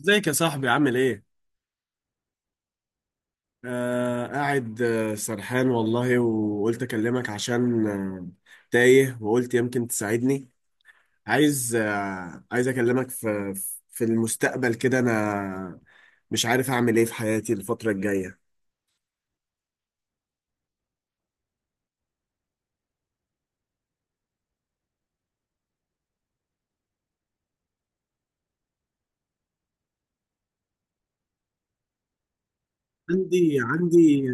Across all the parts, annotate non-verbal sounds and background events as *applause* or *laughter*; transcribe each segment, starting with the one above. ازيك يا صاحبي عامل ايه؟ آه، قاعد. سرحان والله وقلت اكلمك عشان تايه وقلت يمكن تساعدني. عايز، عايز اكلمك في المستقبل كده. انا مش عارف اعمل ايه في حياتي الفترة الجاية. عندي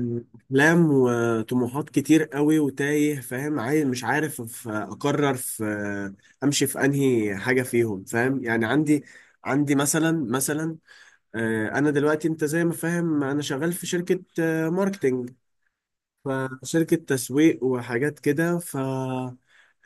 احلام وطموحات كتير قوي وتايه، فاهم؟ عايز، مش عارف اقرر في، امشي في انهي حاجة فيهم. فاهم يعني؟ عندي مثلا، انا دلوقتي، انت زي ما فاهم، انا شغال في شركة ماركتينج، فشركة تسويق وحاجات كده. ف-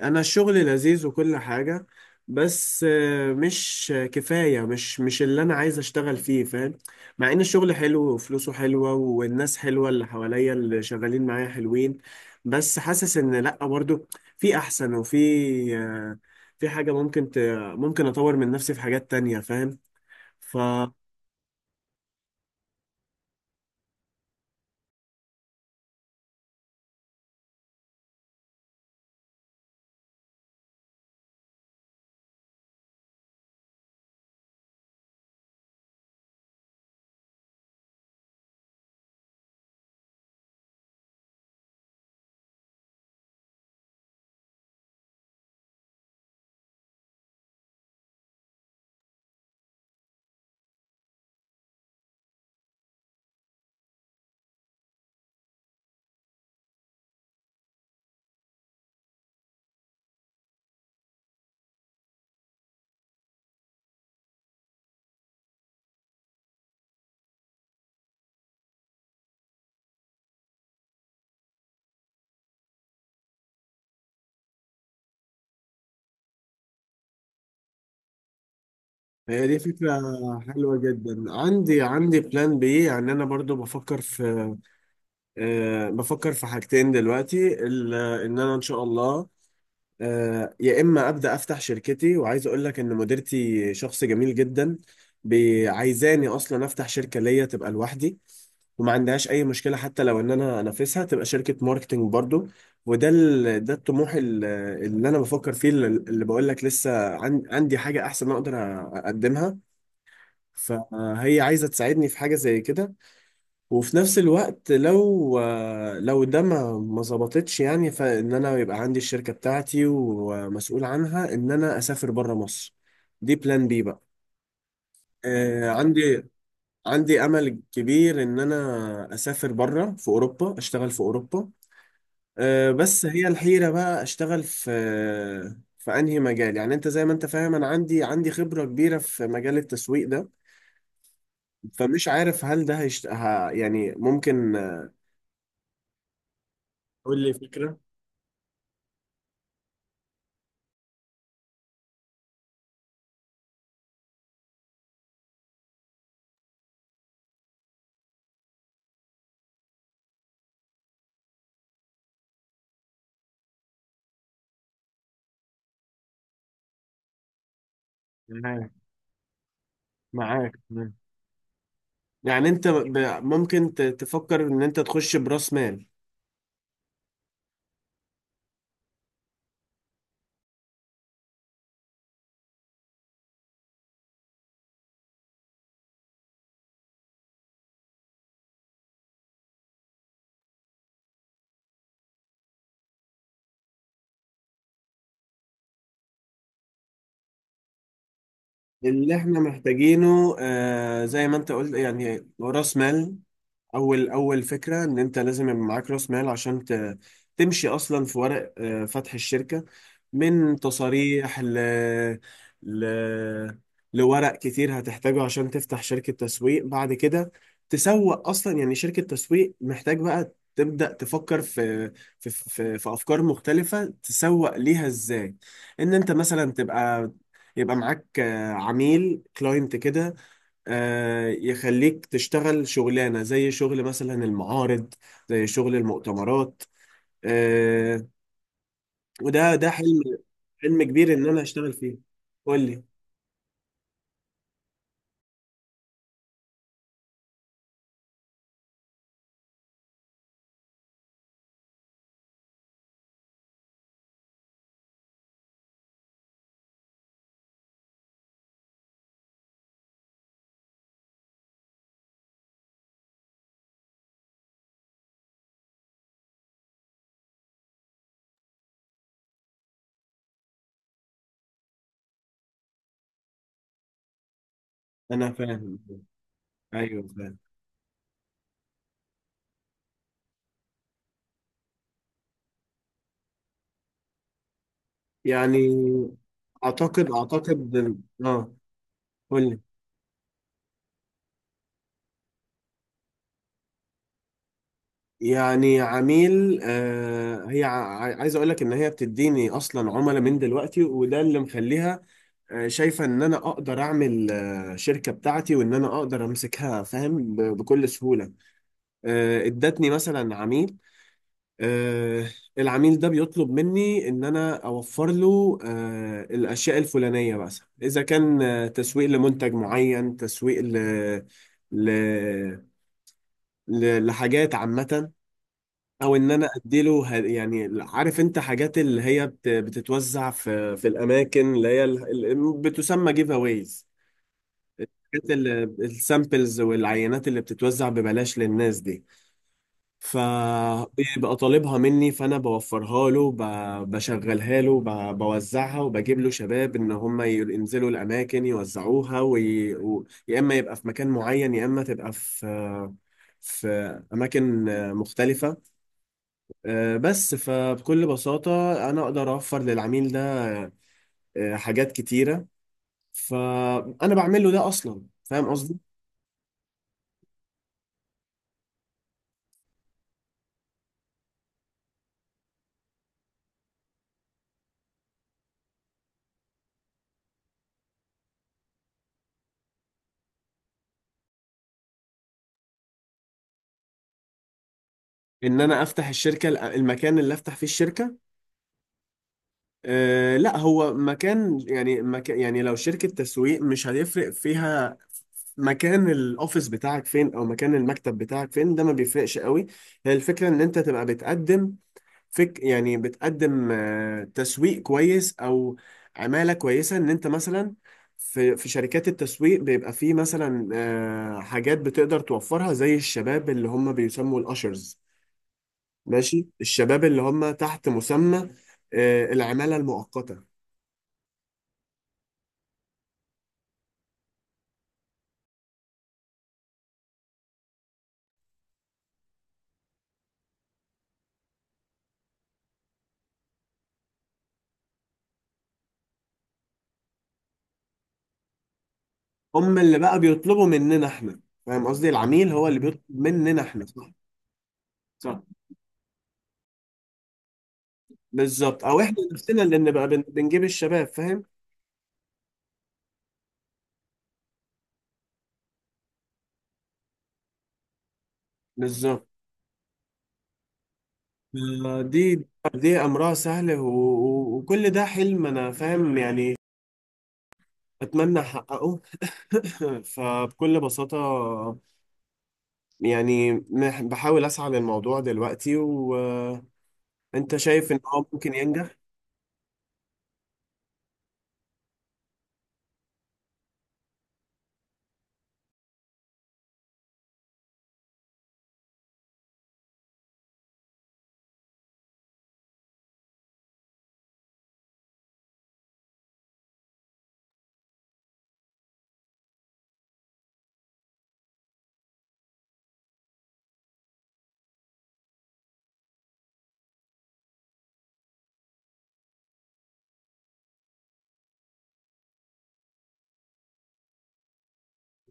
انا الشغل لذيذ وكل حاجة، بس مش كفاية، مش اللي انا عايز اشتغل فيه، فاهم؟ مع ان الشغل حلو وفلوسه حلوة والناس حلوة، اللي حواليا اللي شغالين معايا حلوين، بس حاسس ان لا، برضو في احسن، وفي آه، في حاجة ممكن اطور من نفسي في حاجات تانية، فاهم؟ ف- هي دي فكرة حلوة جدا. عندي بلان بي، يعني أنا برضو بفكر في، بفكر في حاجتين دلوقتي. إن أنا إن شاء الله، يا إما أبدأ أفتح شركتي. وعايز أقول لك إن مديرتي شخص جميل جدا، عايزاني أصلا أفتح شركة ليا تبقى لوحدي، وما عندهاش اي مشكله حتى لو ان انا انافسها، تبقى شركه ماركتنج برضو. ده الطموح اللي انا بفكر فيه، اللي بقول لك لسه عندي حاجه احسن اقدر اقدمها، فهي عايزة تساعدني في حاجة زي كده. وفي نفس الوقت، لو ده ما ظبطتش يعني، فإن أنا يبقى عندي الشركة بتاعتي ومسؤول عنها، إن أنا أسافر بره مصر. دي بلان بي بقى. آه، عندي عندي أمل كبير إن أنا أسافر بره في أوروبا، أشتغل في أوروبا. بس هي الحيرة بقى، أشتغل في في أنهي مجال؟ يعني أنت زي ما أنت فاهم، أنا عندي خبرة كبيرة في مجال التسويق ده. فمش عارف هل ده يعني ممكن قول لي فكرة. معاك، تمام. يعني انت ممكن تفكر ان انت تخش براس مال. اللي احنا محتاجينه، آه، زي ما انت قلت يعني، راس مال. اول فكره ان انت لازم يبقى معاك راس مال عشان تمشي اصلا في ورق فتح الشركه، من تصاريح ل... لورق كتير هتحتاجه عشان تفتح شركه تسويق. بعد كده تسوق اصلا، يعني شركه تسويق، محتاج بقى تبدأ تفكر في في في افكار مختلفه، تسوق ليها ازاي. ان انت مثلا تبقى، يبقى معاك عميل، كلاينت كده، يخليك تشتغل شغلانة زي شغل مثلا المعارض، زي شغل المؤتمرات. آه، وده حلم، حلم كبير ان انا اشتغل فيه. قول لي. انا فاهم، ايوه فاهم. يعني اعتقد اه، قول لي. يعني عميل، آه، هي عايز اقول لك ان هي بتديني اصلا عملاء من دلوقتي، وده اللي مخليها شايفة ان انا اقدر اعمل شركة بتاعتي، وان انا اقدر امسكها، فاهم؟ بكل سهولة. ادتني مثلا عميل. آه، العميل ده بيطلب مني ان انا اوفر له الاشياء الفلانية مثلا. اذا كان تسويق لمنتج معين، تسويق ل... لحاجات عامة، او ان انا اديله يعني عارف انت، حاجات اللي هي بتتوزع في في الاماكن اللي هي بتسمى جيف اويز. كانت السامبلز والعينات اللي بتتوزع ببلاش للناس دي، فبيبقى طالبها مني، فانا بوفرها له، بشغلها له، بوزعها، وبجيب له شباب ان هم ينزلوا الاماكن يوزعوها، يا اما يبقى في مكان معين، يا اما تبقى في في اماكن مختلفه. بس فبكل بساطه انا اقدر اوفر للعميل ده حاجات كتيره. فانا بعمل له ده اصلا، فاهم قصدي؟ ان انا افتح الشركه، المكان اللي افتح فيه الشركه؟ أه لا، هو مكان، يعني مكان، يعني لو شركه تسويق مش هيفرق فيها مكان الاوفيس بتاعك فين او مكان المكتب بتاعك فين، ده ما بيفرقش قوي. هي الفكره ان انت تبقى بتقدم، فك يعني بتقدم تسويق كويس، او عماله كويسه. ان انت مثلا، في في شركات التسويق بيبقى فيه مثلا حاجات بتقدر توفرها، زي الشباب اللي هم بيسموا الاشرز. ماشي، الشباب اللي هم تحت مسمى العمالة المؤقتة. هم اللي بقى بيطلبوا مننا احنا، فاهم قصدي؟ العميل هو اللي بيطلب مننا احنا، صح؟ صح، بالظبط. او احنا نفسنا اللي بنبقى بنجيب الشباب، فاهم؟ بالظبط آه، دي دي امرها سهل، وكل ده حلم، انا فاهم يعني، اتمنى احققه. *laughs* فبكل بساطة يعني، بحاول اسعى للموضوع دلوقتي. وانت شايف ان هو ممكن ينجح؟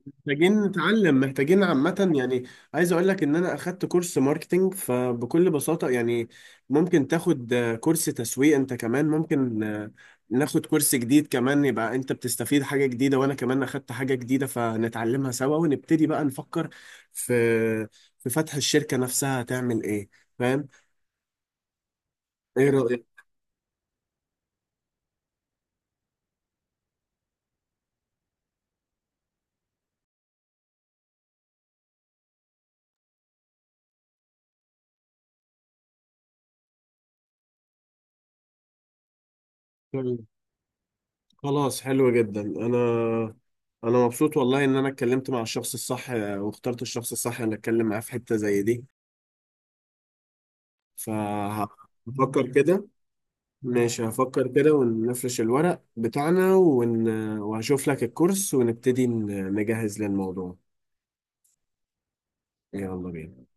محتاجين نتعلم، محتاجين عامة يعني، عايز اقول لك ان انا اخدت كورس ماركتينج. فبكل بساطة يعني ممكن تاخد كورس تسويق انت كمان. ممكن ناخد كورس جديد كمان، يبقى انت بتستفيد حاجة جديدة، وانا كمان اخدت حاجة جديدة، فنتعلمها سوا، ونبتدي بقى نفكر في فتح الشركة نفسها هتعمل ايه. فاهم؟ ايه رأيك؟ تمام. خلاص، حلو جدا. انا مبسوط والله ان انا اتكلمت مع الشخص الصح، واخترت الشخص الصح ان اتكلم معاه في حتة زي دي. فهفكر كده، ماشي، هفكر كده ونفرش الورق بتاعنا وهشوف لك الكورس، ونبتدي نجهز للموضوع. يلا بينا.